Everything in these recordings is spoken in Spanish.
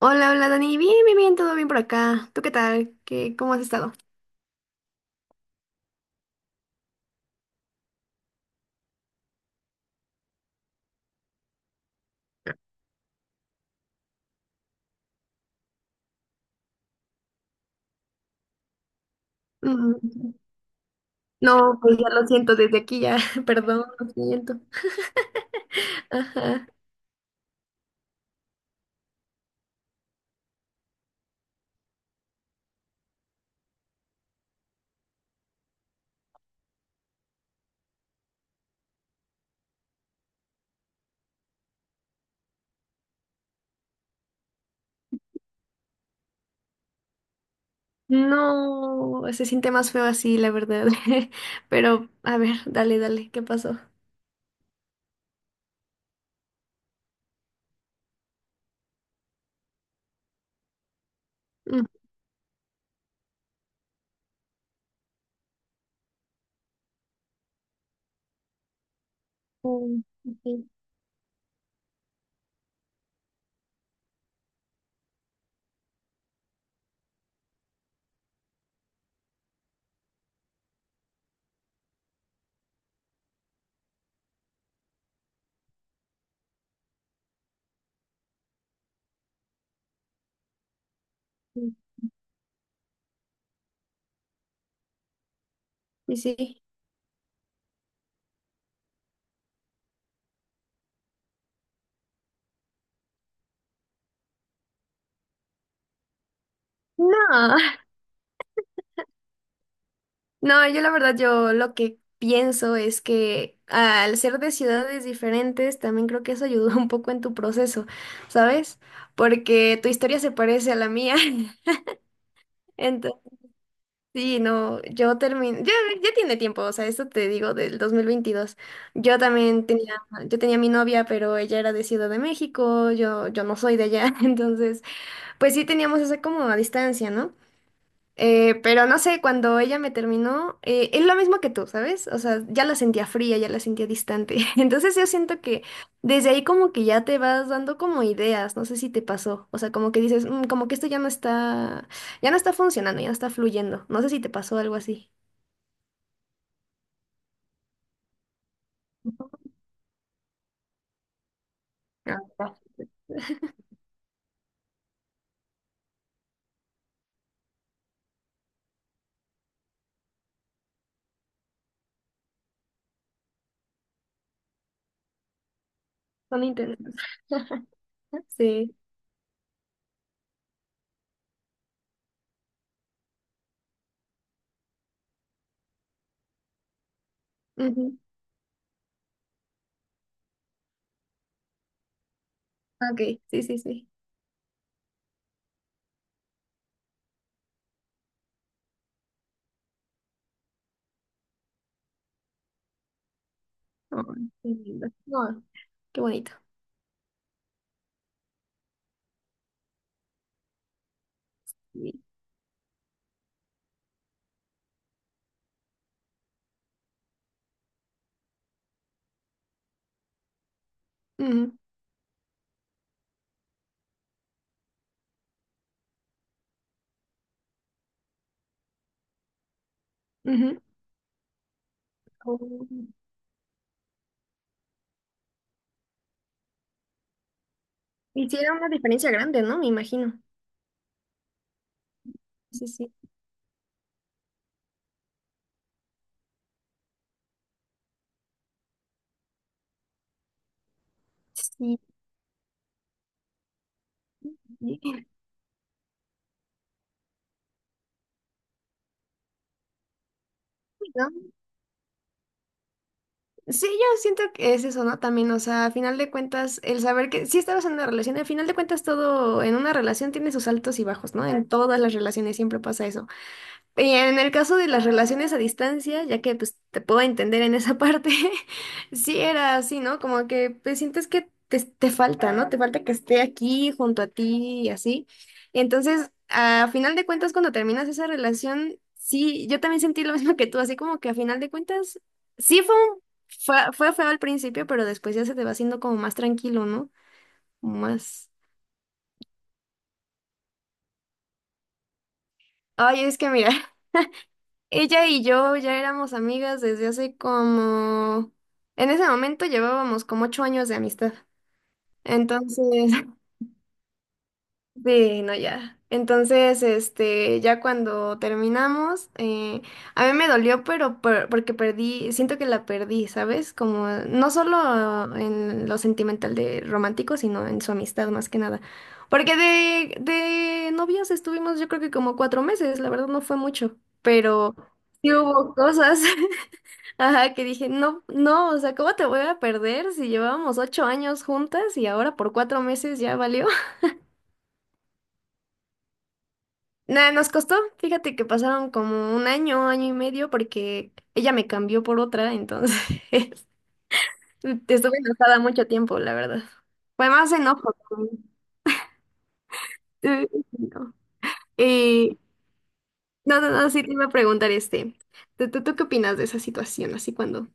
Hola, hola Dani, bien, bien, bien, todo bien por acá. ¿Tú qué tal? ¿ cómo has estado? Mm. No, pues ya lo siento desde aquí, ya, perdón, lo siento. Ajá. No, se siente más feo así, la verdad. Pero, a ver, dale, dale, ¿qué pasó? Mm. Mm. Sí, sí, sí. Sí. No. No, yo la verdad, yo lo que pienso es que al ser de ciudades diferentes, también creo que eso ayudó un poco en tu proceso, ¿sabes? Porque tu historia se parece a la mía. Entonces, sí, no, yo terminé, ya, ya tiene tiempo, o sea, esto te digo del 2022. Yo también tenía, yo tenía mi novia, pero ella era de Ciudad de México, yo no soy de allá, entonces, pues sí teníamos esa como a distancia, ¿no? Pero no sé, cuando ella me terminó, es lo mismo que tú, ¿sabes? O sea, ya la sentía fría, ya la sentía distante. Entonces yo siento que desde ahí como que ya te vas dando como ideas, no sé si te pasó. O sea, como que dices, "Mm, como que esto ya no está funcionando, ya no está fluyendo". No sé si te pasó algo así. Ah, ya. Son intensos. Sí. Ujú. Ok, sí, sí, sí. Ay, qué lindo. No, qué bonito. Sí. Ujú, ujú. Oh. Hiciera una diferencia grande, ¿no? Me imagino. Sí, sí. Sí, ¿no? Sí, yo siento que es eso, ¿no? También, o sea, a final de cuentas, el saber que sí estabas en una relación, al final de cuentas todo en una relación tiene sus altos y bajos, ¿no? En todas las relaciones siempre pasa eso. Y en el caso de las relaciones a distancia, ya que pues te puedo entender en esa parte, sí era así, ¿no? Como que pues, sientes que te falta, ¿no? Te falta que esté aquí junto a ti y así. Entonces, a final de cuentas, cuando terminas esa relación, sí, yo también sentí lo mismo que tú, así como que a final de cuentas, sí fue feo al principio, pero después ya se te va haciendo como más tranquilo, ¿no? Como más... Ay, es que mira. Ella y yo ya éramos amigas desde hace como... En ese momento llevábamos como 8 años de amistad. Entonces, sí, no, ya. Entonces, este, ya cuando terminamos, a mí me dolió, pero porque perdí, siento que la perdí, ¿sabes? Como no solo en lo sentimental de romántico, sino en su amistad más que nada. Porque de novios estuvimos yo creo que como 4 meses, la verdad no fue mucho, pero sí hubo cosas. Ajá, que dije, no, no, o sea, ¿cómo te voy a perder si llevábamos 8 años juntas y ahora por 4 meses ya valió? Nada, nos costó. Fíjate que pasaron como un año, año y medio, porque ella me cambió por otra, entonces estuve enojada mucho tiempo, la verdad. Fue más enojo. eh, no. Y no, no, no, sí te iba a preguntar este. ¿Tú qué opinas de esa situación? Así cuando.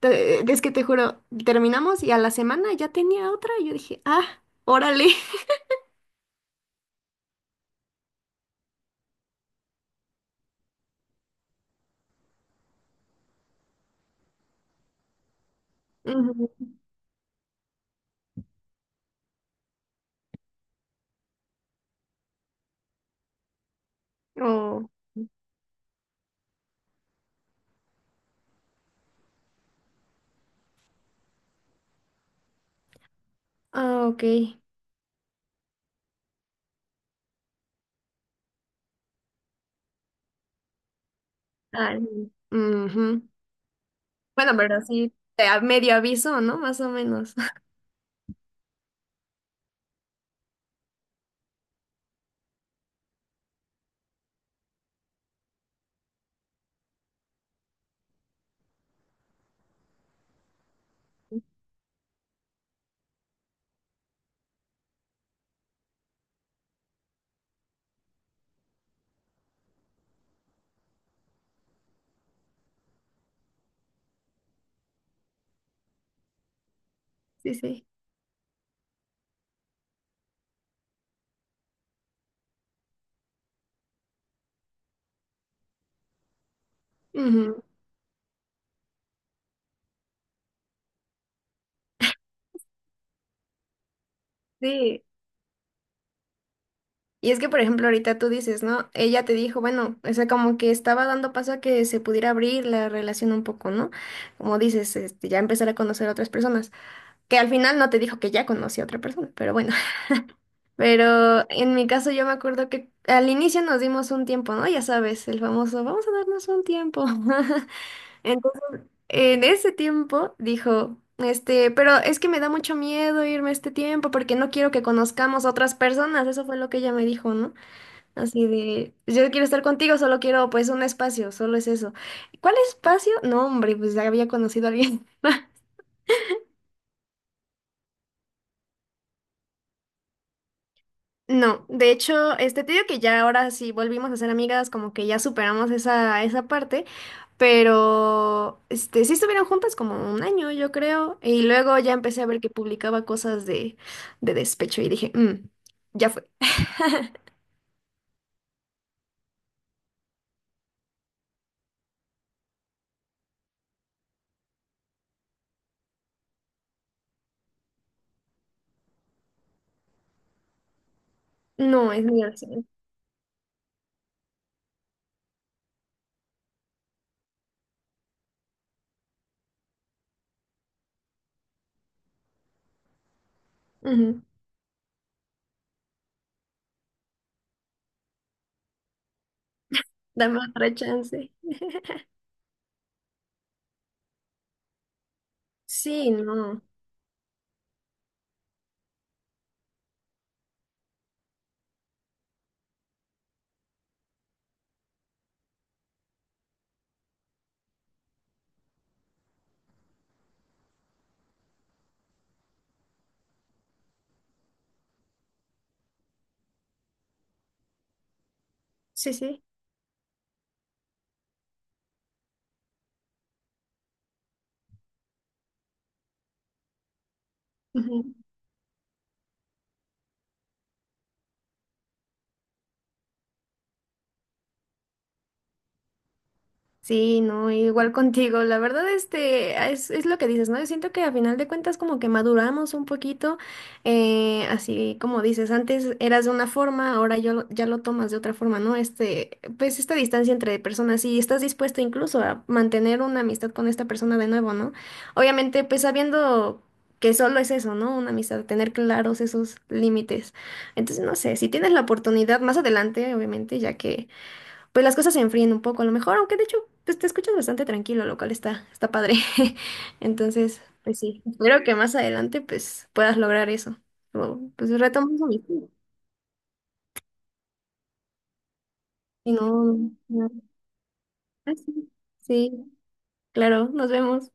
Es que te juro, terminamos y a la semana ya tenía otra. Y yo dije, ah, órale. Ujú. Oh, ah, ok. Ah, ujú. Bueno, pero sí, te medio aviso, ¿no? Más o menos. Sí, sí. Ujú. Sí. Y es que, por ejemplo, ahorita tú dices, ¿no? Ella te dijo, bueno, o sea, como que estaba dando paso a que se pudiera abrir la relación un poco, ¿no? Como dices, este, ya empezar a conocer a otras personas, que al final no te dijo que ya conocía a otra persona, pero bueno. Pero en mi caso yo me acuerdo que al inicio nos dimos un tiempo, ¿no? Ya sabes, el famoso, vamos a darnos un tiempo. En ese tiempo dijo, este, pero es que me da mucho miedo irme este tiempo porque no quiero que conozcamos otras personas. Eso fue lo que ella me dijo, ¿no? Así de, "Pues yo quiero estar contigo, solo quiero pues un espacio, solo es eso". ¿Cuál espacio? No, hombre, pues ya había conocido a alguien. No, de hecho, este, te digo que ya ahora sí volvimos a ser amigas, como que ya superamos esa parte, pero este, sí estuvieron juntas como un año, yo creo, y luego ya empecé a ver que publicaba cosas de despecho y dije, "Mm, ya fue". No, es mi versión. Ujú. Dame otra chance. Sí, no. Sí, sí. Sí, no, igual contigo. La verdad, este, ah, es lo que dices, ¿no? Yo siento que a final de cuentas como que maduramos un poquito, así como dices, antes eras de una forma, ahora yo, ya lo tomas de otra forma, ¿no? Este, pues esta distancia entre personas y estás dispuesto incluso a mantener una amistad con esta persona de nuevo, ¿no? Obviamente, pues sabiendo que solo es eso, ¿no? Una amistad, tener claros esos límites. Entonces, no sé, si tienes la oportunidad más adelante, obviamente, ya que pues las cosas se enfríen un poco a lo mejor, aunque de hecho pues te escuchas bastante tranquilo, lo cual está padre. Entonces, pues sí, espero que más adelante pues puedas lograr eso. O, pues retomas mi. Y no, no. Ah, sí, sí, claro, nos vemos.